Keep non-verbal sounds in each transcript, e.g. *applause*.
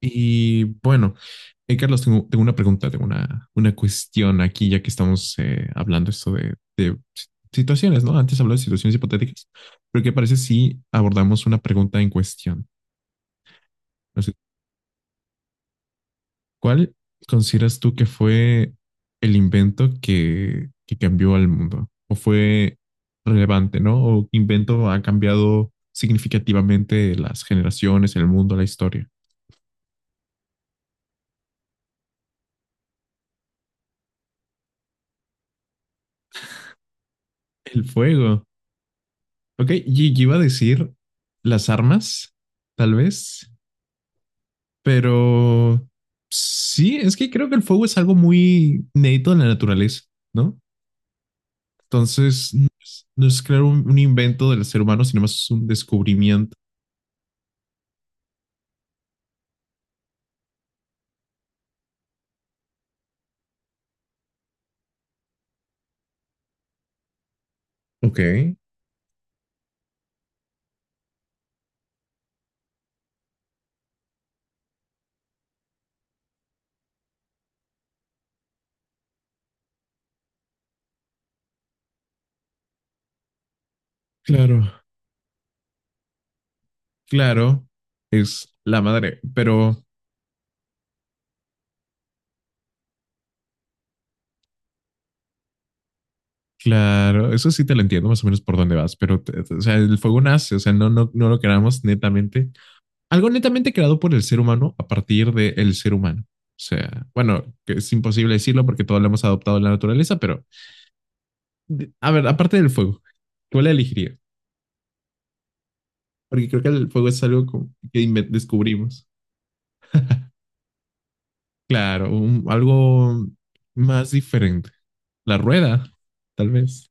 Y bueno, Carlos, tengo una pregunta, tengo una cuestión aquí, ya que estamos hablando esto de situaciones, ¿no? Antes hablamos de situaciones hipotéticas, pero ¿qué parece si abordamos una pregunta en cuestión? No sé, ¿cuál consideras tú que fue el invento que cambió al mundo? ¿O fue relevante, ¿no? ¿O qué invento ha cambiado significativamente las generaciones, el mundo, la historia? El fuego. Ok, y yo iba a decir las armas, tal vez, pero sí, es que creo que el fuego es algo muy neto en la naturaleza, ¿no? Entonces, no es claro un invento del ser humano, sino más un descubrimiento. Ok. Claro. Claro, es la madre, pero claro, eso sí te lo entiendo más o menos por dónde vas, pero o sea, el fuego nace, o sea, no lo queramos netamente algo netamente creado por el ser humano a partir del ser humano. O sea, bueno, que es imposible decirlo porque todos lo hemos adoptado en la naturaleza, pero a ver, aparte del fuego, ¿cuál la elegiría? Porque creo que el fuego es algo que descubrimos. Claro, un, algo más diferente. La rueda, tal vez.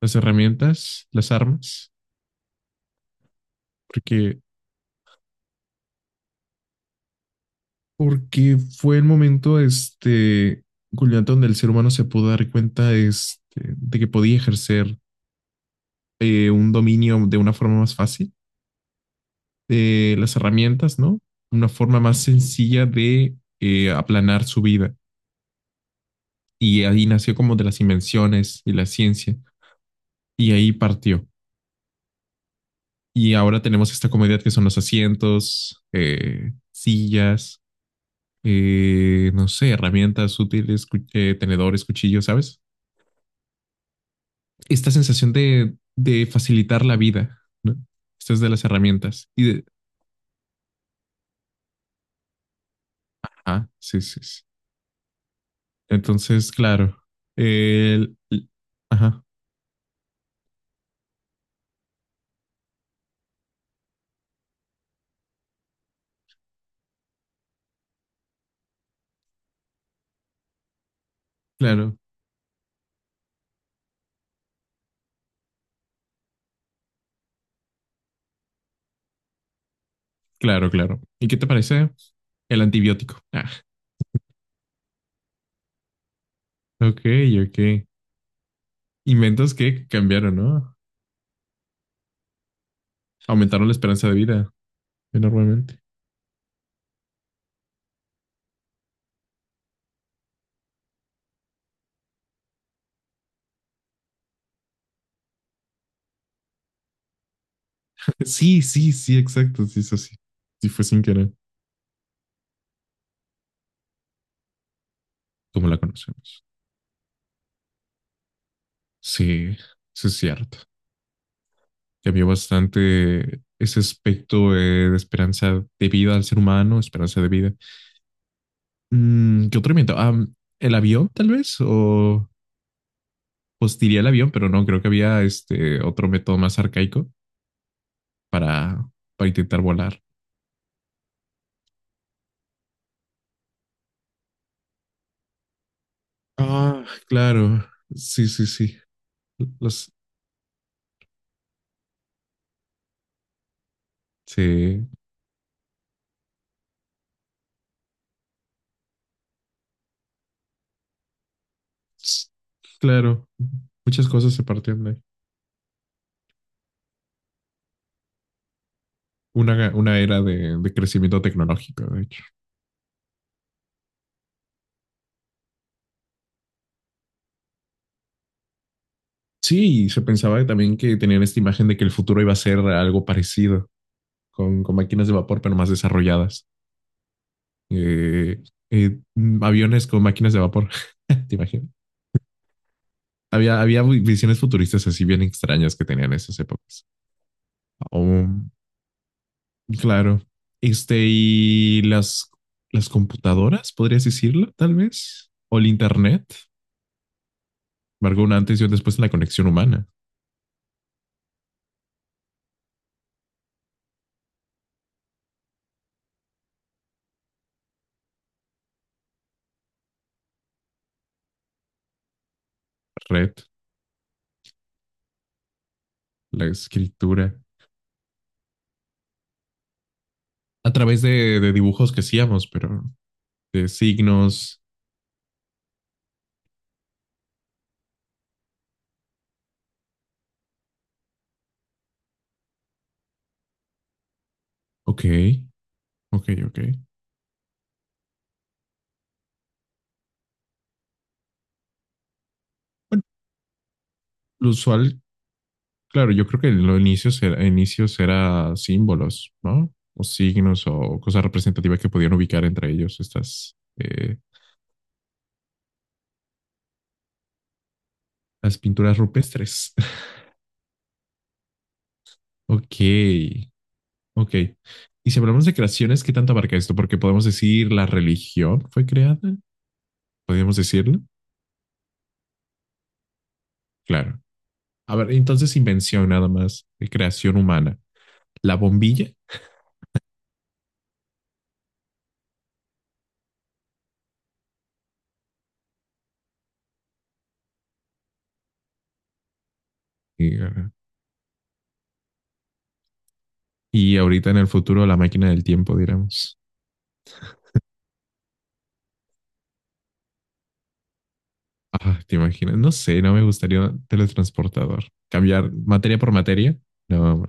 Las herramientas, las armas. Porque, porque fue el momento, este, culminante donde el ser humano se pudo dar cuenta este, de que podía ejercer un dominio de una forma más fácil de las herramientas, ¿no? Una forma más sencilla de aplanar su vida. Y ahí nació como de las invenciones y la ciencia. Y ahí partió. Y ahora tenemos esta comodidad que son los asientos, sillas, no sé, herramientas útiles, tenedores, cuchillos, ¿sabes? Esta sensación de facilitar la vida, ¿no? Esto es de las herramientas. Y de... Ah, sí, sí, sí. Entonces, claro. El, el- ajá, claro, claro, claro. ¿Y qué te parece el antibiótico? *laughs* Ah, ok, ok. Inventos que cambiaron, ¿no? Aumentaron la esperanza de vida enormemente. *laughs* Sí, sí, sí, exacto, sí, eso sí. Sí fue sin querer, como la conocemos. Sí, eso es cierto. Cambió bastante ese aspecto de esperanza de vida al ser humano, esperanza de vida. Mm, ¿qué otro invento? Ah, ¿el avión, tal vez? ¿O pues tiré el avión, pero no, creo que había este otro método más arcaico para, para intentar volar. Ah, claro. Sí, sí, sí. Los, sí. S- Claro. Muchas cosas se partían de ahí. Una era de crecimiento tecnológico, de hecho. Sí, y se pensaba también que tenían esta imagen de que el futuro iba a ser algo parecido, con máquinas de vapor, pero más desarrolladas. Eh, aviones con máquinas de vapor, *laughs* ¿te imaginas? Había, había visiones futuristas así bien extrañas que tenían esas épocas. Oh, claro. Este, y las computadoras, podrías decirlo, tal vez, o el Internet, marcó un antes y un después en la conexión humana, red, la escritura, a través de dibujos que hacíamos, pero de signos. Ok, ok, ok. Bueno, lo usual claro, yo creo que en los inicios era símbolos, ¿no? O signos o cosas representativas que podían ubicar entre ellos estas las pinturas rupestres. *laughs* Ok, ok. Y si hablamos de creaciones, ¿qué tanto abarca esto? Porque podemos decir la religión fue creada, podríamos decirlo. Claro. A ver, entonces invención nada más, creación humana, la bombilla y, eh, y ahorita en el futuro la máquina del tiempo, diríamos. Ah, te imaginas, no sé, no me gustaría un teletransportador. Cambiar materia por materia, no,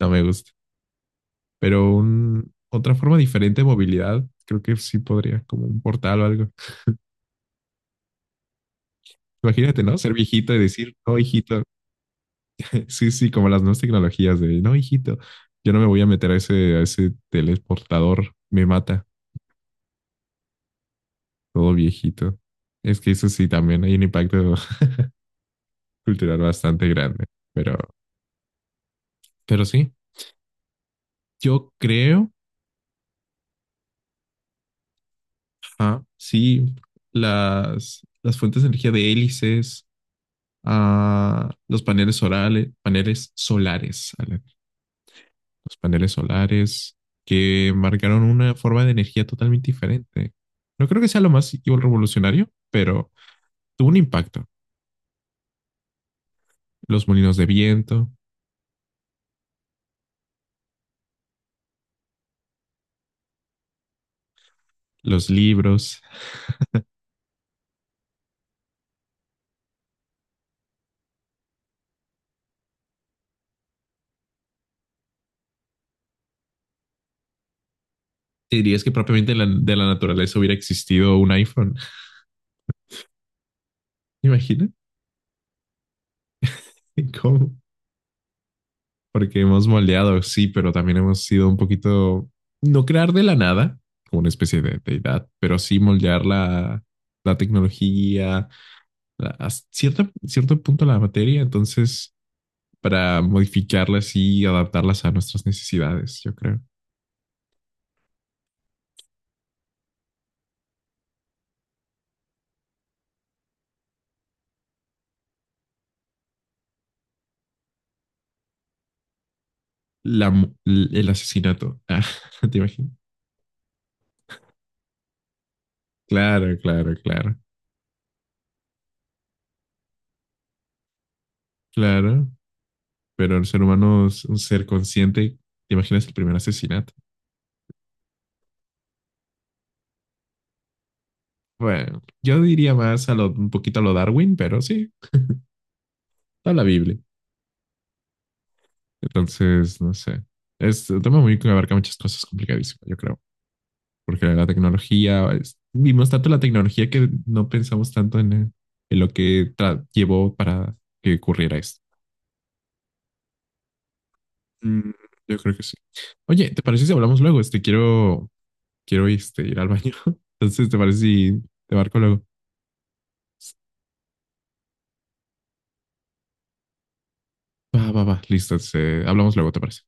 no me gusta. Pero un, otra forma diferente de movilidad, creo que sí podría, como un portal o algo. Imagínate, ¿no? Ser viejito y decir, no, hijito. *laughs* Sí, sí, como las nuevas tecnologías de, no, hijito, yo no me voy a meter a ese teleportador, me mata, todo viejito. Es que eso sí, también hay un impacto *laughs* cultural bastante grande, pero, pero sí, yo creo ah, sí, las fuentes de energía de hélices, ah, los paneles orales, paneles solares, Ale, los paneles solares que marcaron una forma de energía totalmente diferente. No creo que sea lo más revolucionario, pero tuvo un impacto. Los molinos de viento, los libros. ¿Te dirías que propiamente de la naturaleza hubiera existido un iPhone? *laughs* ¿Imagina? ¿Cómo? Porque hemos moldeado, sí, pero también hemos sido un poquito, no crear de la nada, como una especie de deidad, pero sí moldear la tecnología, a cierta, cierto punto la materia, entonces, para modificarlas y adaptarlas a nuestras necesidades, yo creo. La, el asesinato, *laughs* ah, ¿te imaginas? Claro, claro, claro, claro, pero el ser humano es un ser consciente, ¿te imaginas el primer asesinato? Bueno, yo diría más a lo, un poquito a lo Darwin, pero sí, está la Biblia. Entonces, no sé. Es un tema muy que abarca muchas cosas complicadísimas, yo creo. Porque la tecnología, es- vimos tanto la tecnología que no pensamos tanto en lo que tra- llevó para que ocurriera esto. Mm, yo creo que sí. Oye, ¿te parece si hablamos luego? Este, quiero, quiero este, ir al baño. *laughs* Entonces, ¿te parece si te marco luego? Va, va, va. Listo. Entonces, hablamos luego, ¿te parece?